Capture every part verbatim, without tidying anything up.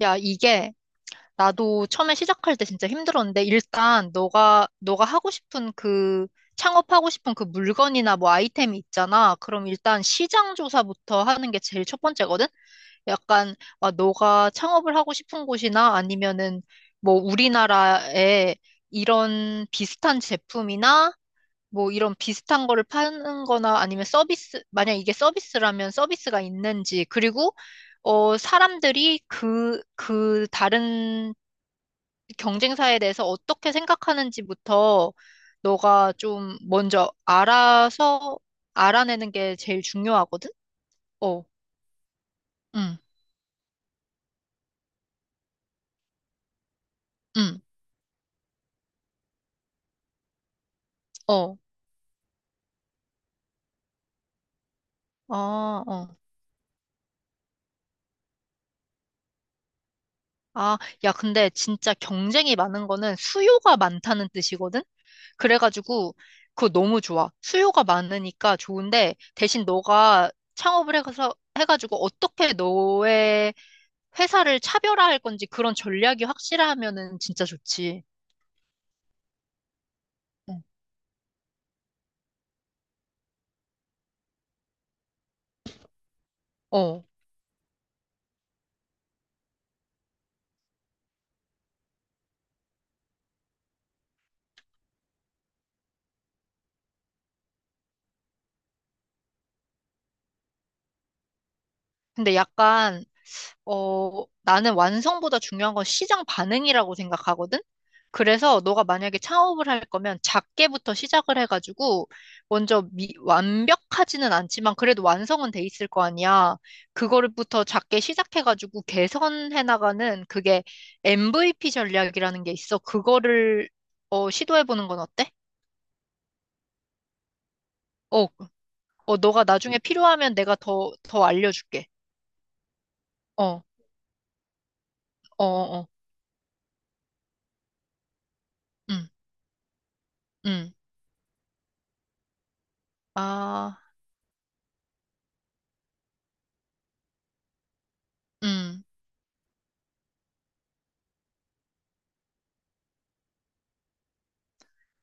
야, 이게 나도 처음에 시작할 때 진짜 힘들었는데 일단 너가 너가 하고 싶은 그 창업하고 싶은 그 물건이나 뭐 아이템이 있잖아. 그럼 일단 시장 조사부터 하는 게 제일 첫 번째거든. 약간 아, 너가 창업을 하고 싶은 곳이나 아니면은 뭐 우리나라에 이런 비슷한 제품이나 뭐 이런 비슷한 거를 파는 거나 아니면 서비스, 만약 이게 서비스라면 서비스가 있는지, 그리고, 어, 사람들이 그, 그 다른 경쟁사에 대해서 어떻게 생각하는지부터 너가 좀 먼저 알아서 알아내는 게 제일 중요하거든? 어, 응, 응, 어, 아, 어. 아, 야, 근데 진짜 경쟁이 많은 거는 수요가 많다는 뜻이거든? 그래가지고 그거 너무 좋아. 수요가 많으니까 좋은데 대신 너가 창업을 해서 해가지고 어떻게 너의 회사를 차별화할 건지 그런 전략이 확실하면은 진짜 좋지. 응. 어. 근데 약간 어, 나는 완성보다 중요한 건 시장 반응이라고 생각하거든? 그래서 너가 만약에 창업을 할 거면 작게부터 시작을 해가지고 먼저 미- 완벽하지는 않지만 그래도 완성은 돼 있을 거 아니야. 그거부터 작게 시작해가지고 개선해 나가는 그게 엠브이피 전략이라는 게 있어. 그거를 어, 시도해보는 건 어때? 어, 어, 너가 나중에 필요하면 내가 더, 더 알려줄게. 어, 어, 어, 어. 응, 응. 아, 응.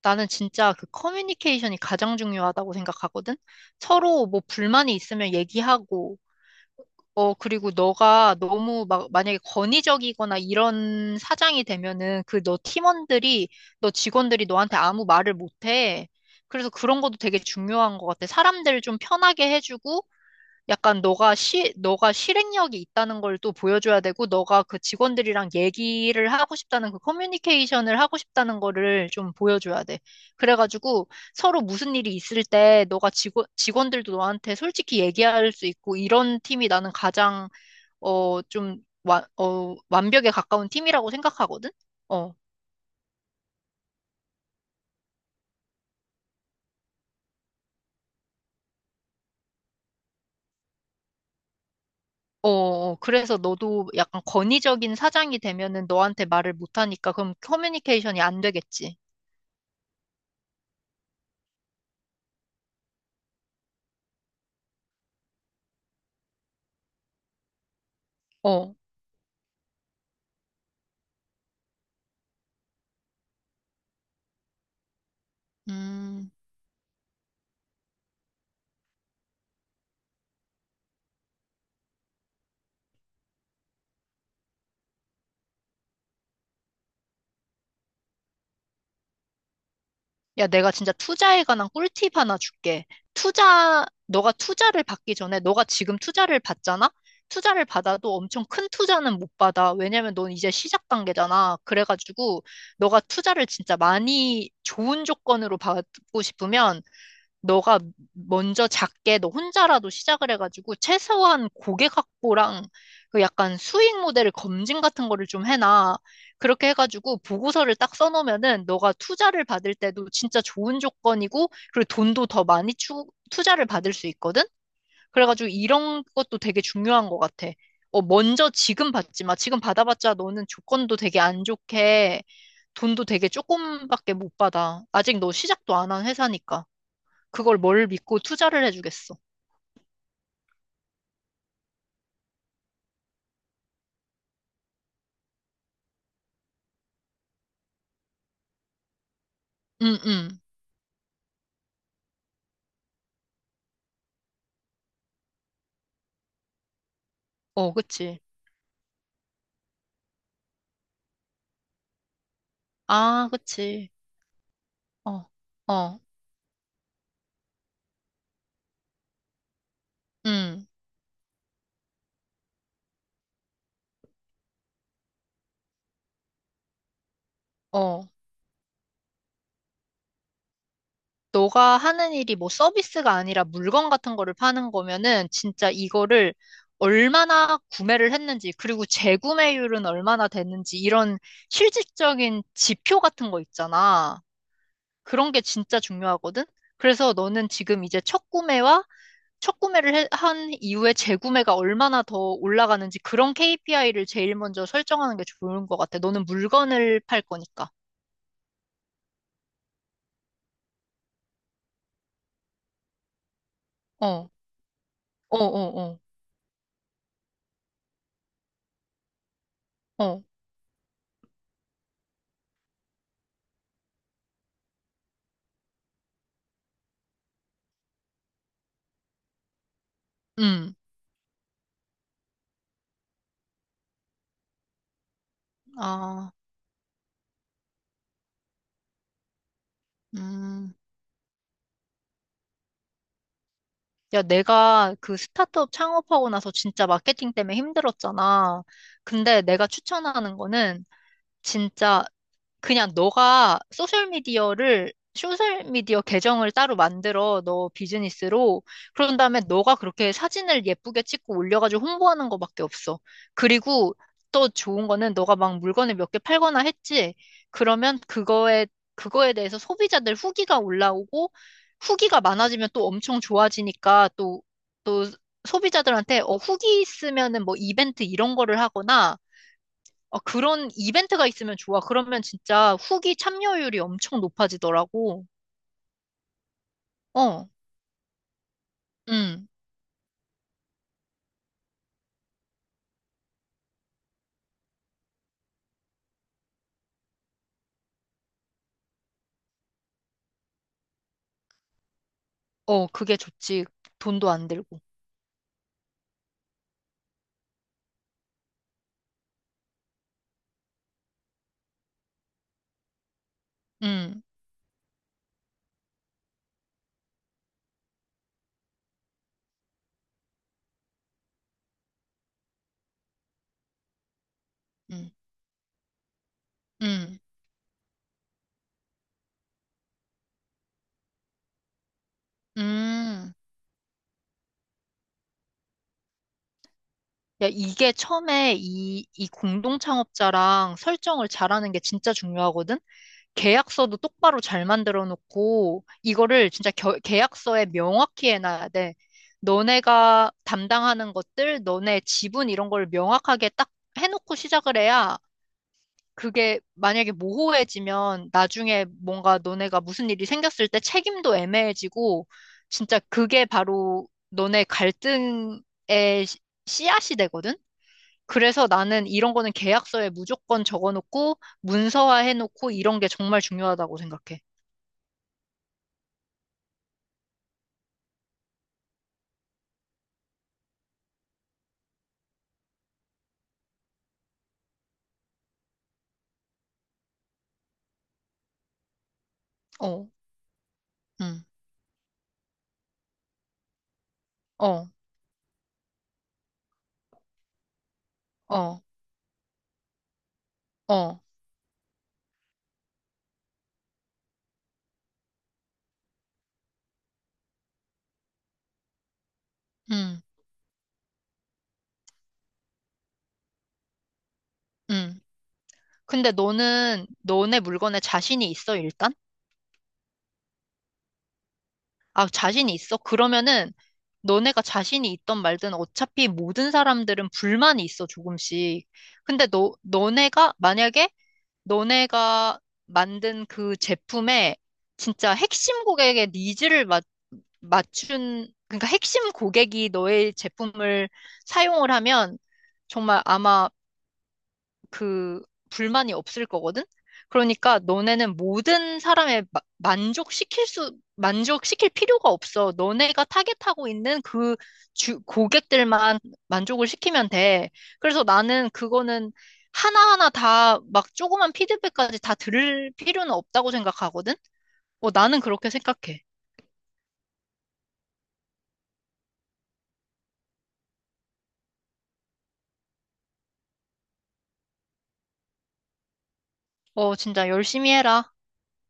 나는 진짜 그 커뮤니케이션이 가장 중요하다고 생각하거든? 서로 뭐 불만이 있으면 얘기하고, 어, 그리고 너가 너무 막, 만약에 권위적이거나 이런 사장이 되면은 그 너 팀원들이, 너 직원들이 너한테 아무 말을 못해. 그래서 그런 것도 되게 중요한 것 같아. 사람들 좀 편하게 해주고, 약간 너가 시, 너가 실행력이 있다는 걸 또 보여줘야 되고, 너가 그 직원들이랑 얘기를 하고 싶다는 그 커뮤니케이션을 하고 싶다는 거를 좀 보여줘야 돼. 그래가지고 서로 무슨 일이 있을 때 너가 직원, 직원들도 너한테 솔직히 얘기할 수 있고, 이런 팀이 나는 가장, 어, 좀, 와, 어, 완벽에 가까운 팀이라고 생각하거든? 어. 어, 어, 그래서 너도 약간 권위적인 사장이 되면은 너한테 말을 못하니까 그럼 커뮤니케이션이 안 되겠지. 어. 음. 야, 내가 진짜 투자에 관한 꿀팁 하나 줄게. 투자, 너가 투자를 받기 전에, 너가 지금 투자를 받잖아? 투자를 받아도 엄청 큰 투자는 못 받아. 왜냐면 넌 이제 시작 단계잖아. 그래가지고, 너가 투자를 진짜 많이 좋은 조건으로 받고 싶으면, 너가 먼저 작게 너 혼자라도 시작을 해가지고 최소한 고객 확보랑 그 약간 수익 모델을 검증 같은 거를 좀 해놔. 그렇게 해가지고 보고서를 딱 써놓으면은 너가 투자를 받을 때도 진짜 좋은 조건이고 그리고 돈도 더 많이 추, 투자를 받을 수 있거든? 그래가지고 이런 것도 되게 중요한 것 같아. 어, 먼저 지금 받지 마. 지금 받아봤자 너는 조건도 되게 안 좋게 돈도 되게 조금밖에 못 받아. 아직 너 시작도 안 한 회사니까. 그걸 뭘 믿고 투자를 해주겠어. 응, 응. 어, 그치. 아, 그치. 어, 어, 응, 어. 너가 하는 일이 뭐 서비스가 아니라 물건 같은 거를 파는 거면은 진짜 이거를 얼마나 구매를 했는지, 그리고 재구매율은 얼마나 됐는지, 이런 실질적인 지표 같은 거 있잖아. 그런 게 진짜 중요하거든? 그래서 너는 지금 이제 첫 구매와 첫 구매를 해- 한 이후에 재구매가 얼마나 더 올라가는지 그런 케이피아이를 제일 먼저 설정하는 게 좋은 것 같아. 너는 물건을 팔 거니까. 어, 어, 어, 어, 어, 음, 아, 음. 야, 내가 그 스타트업 창업하고 나서 진짜 마케팅 때문에 힘들었잖아. 근데 내가 추천하는 거는 진짜 그냥 너가 소셜미디어를, 소셜미디어 계정을 따로 만들어, 너 비즈니스로. 그런 다음에 너가 그렇게 사진을 예쁘게 찍고 올려가지고 홍보하는 거밖에 없어. 그리고 또 좋은 거는 너가 막 물건을 몇 개 팔거나 했지. 그러면 그거에, 그거에 대해서 소비자들 후기가 올라오고, 후기가 많아지면 또 엄청 좋아지니까 또, 또 소비자들한테 어, 후기 있으면은 뭐 이벤트 이런 거를 하거나, 어, 그런 이벤트가 있으면 좋아. 그러면 진짜 후기 참여율이 엄청 높아지더라고. 어, 음, 어, 그게 좋지. 돈도 안 들고. 음, 음, 음, 음. 야, 이게 처음에 이, 이 공동 창업자랑 설정을 잘하는 게 진짜 중요하거든? 계약서도 똑바로 잘 만들어 놓고, 이거를 진짜 겨- 계약서에 명확히 해놔야 돼. 너네가 담당하는 것들, 너네 지분 이런 걸 명확하게 딱 해놓고 시작을 해야 그게 만약에 모호해지면 나중에 뭔가 너네가 무슨 일이 생겼을 때 책임도 애매해지고 진짜 그게 바로 너네 갈등의 시- 씨앗이 되거든? 그래서 나는 이런 거는 계약서에 무조건 적어놓고 문서화 해놓고 이런 게 정말 중요하다고 생각해. 어, 음, 어, 어, 어, 음, 음. 근데 너는 너네 물건에 자신이 있어, 일단? 아, 자신이 있어? 그러면은 너네가 자신이 있던 말든 어차피 모든 사람들은 불만이 있어, 조금씩. 근데 너, 너네가, 만약에 너네가 만든 그 제품에 진짜 핵심 고객의 니즈를 맞, 맞춘, 그러니까 핵심 고객이 너의 제품을 사용을 하면 정말 아마 그 불만이 없을 거거든? 그러니까 너네는 모든 사람의 마- 만족시킬 수, 만족시킬 필요가 없어. 너네가 타겟하고 있는 그 주, 고객들만 만족을 시키면 돼. 그래서 나는 그거는 하나하나 다 막 조그만 피드백까지 다 들을 필요는 없다고 생각하거든? 어, 나는 그렇게 생각해. 어, 진짜 열심히 해라.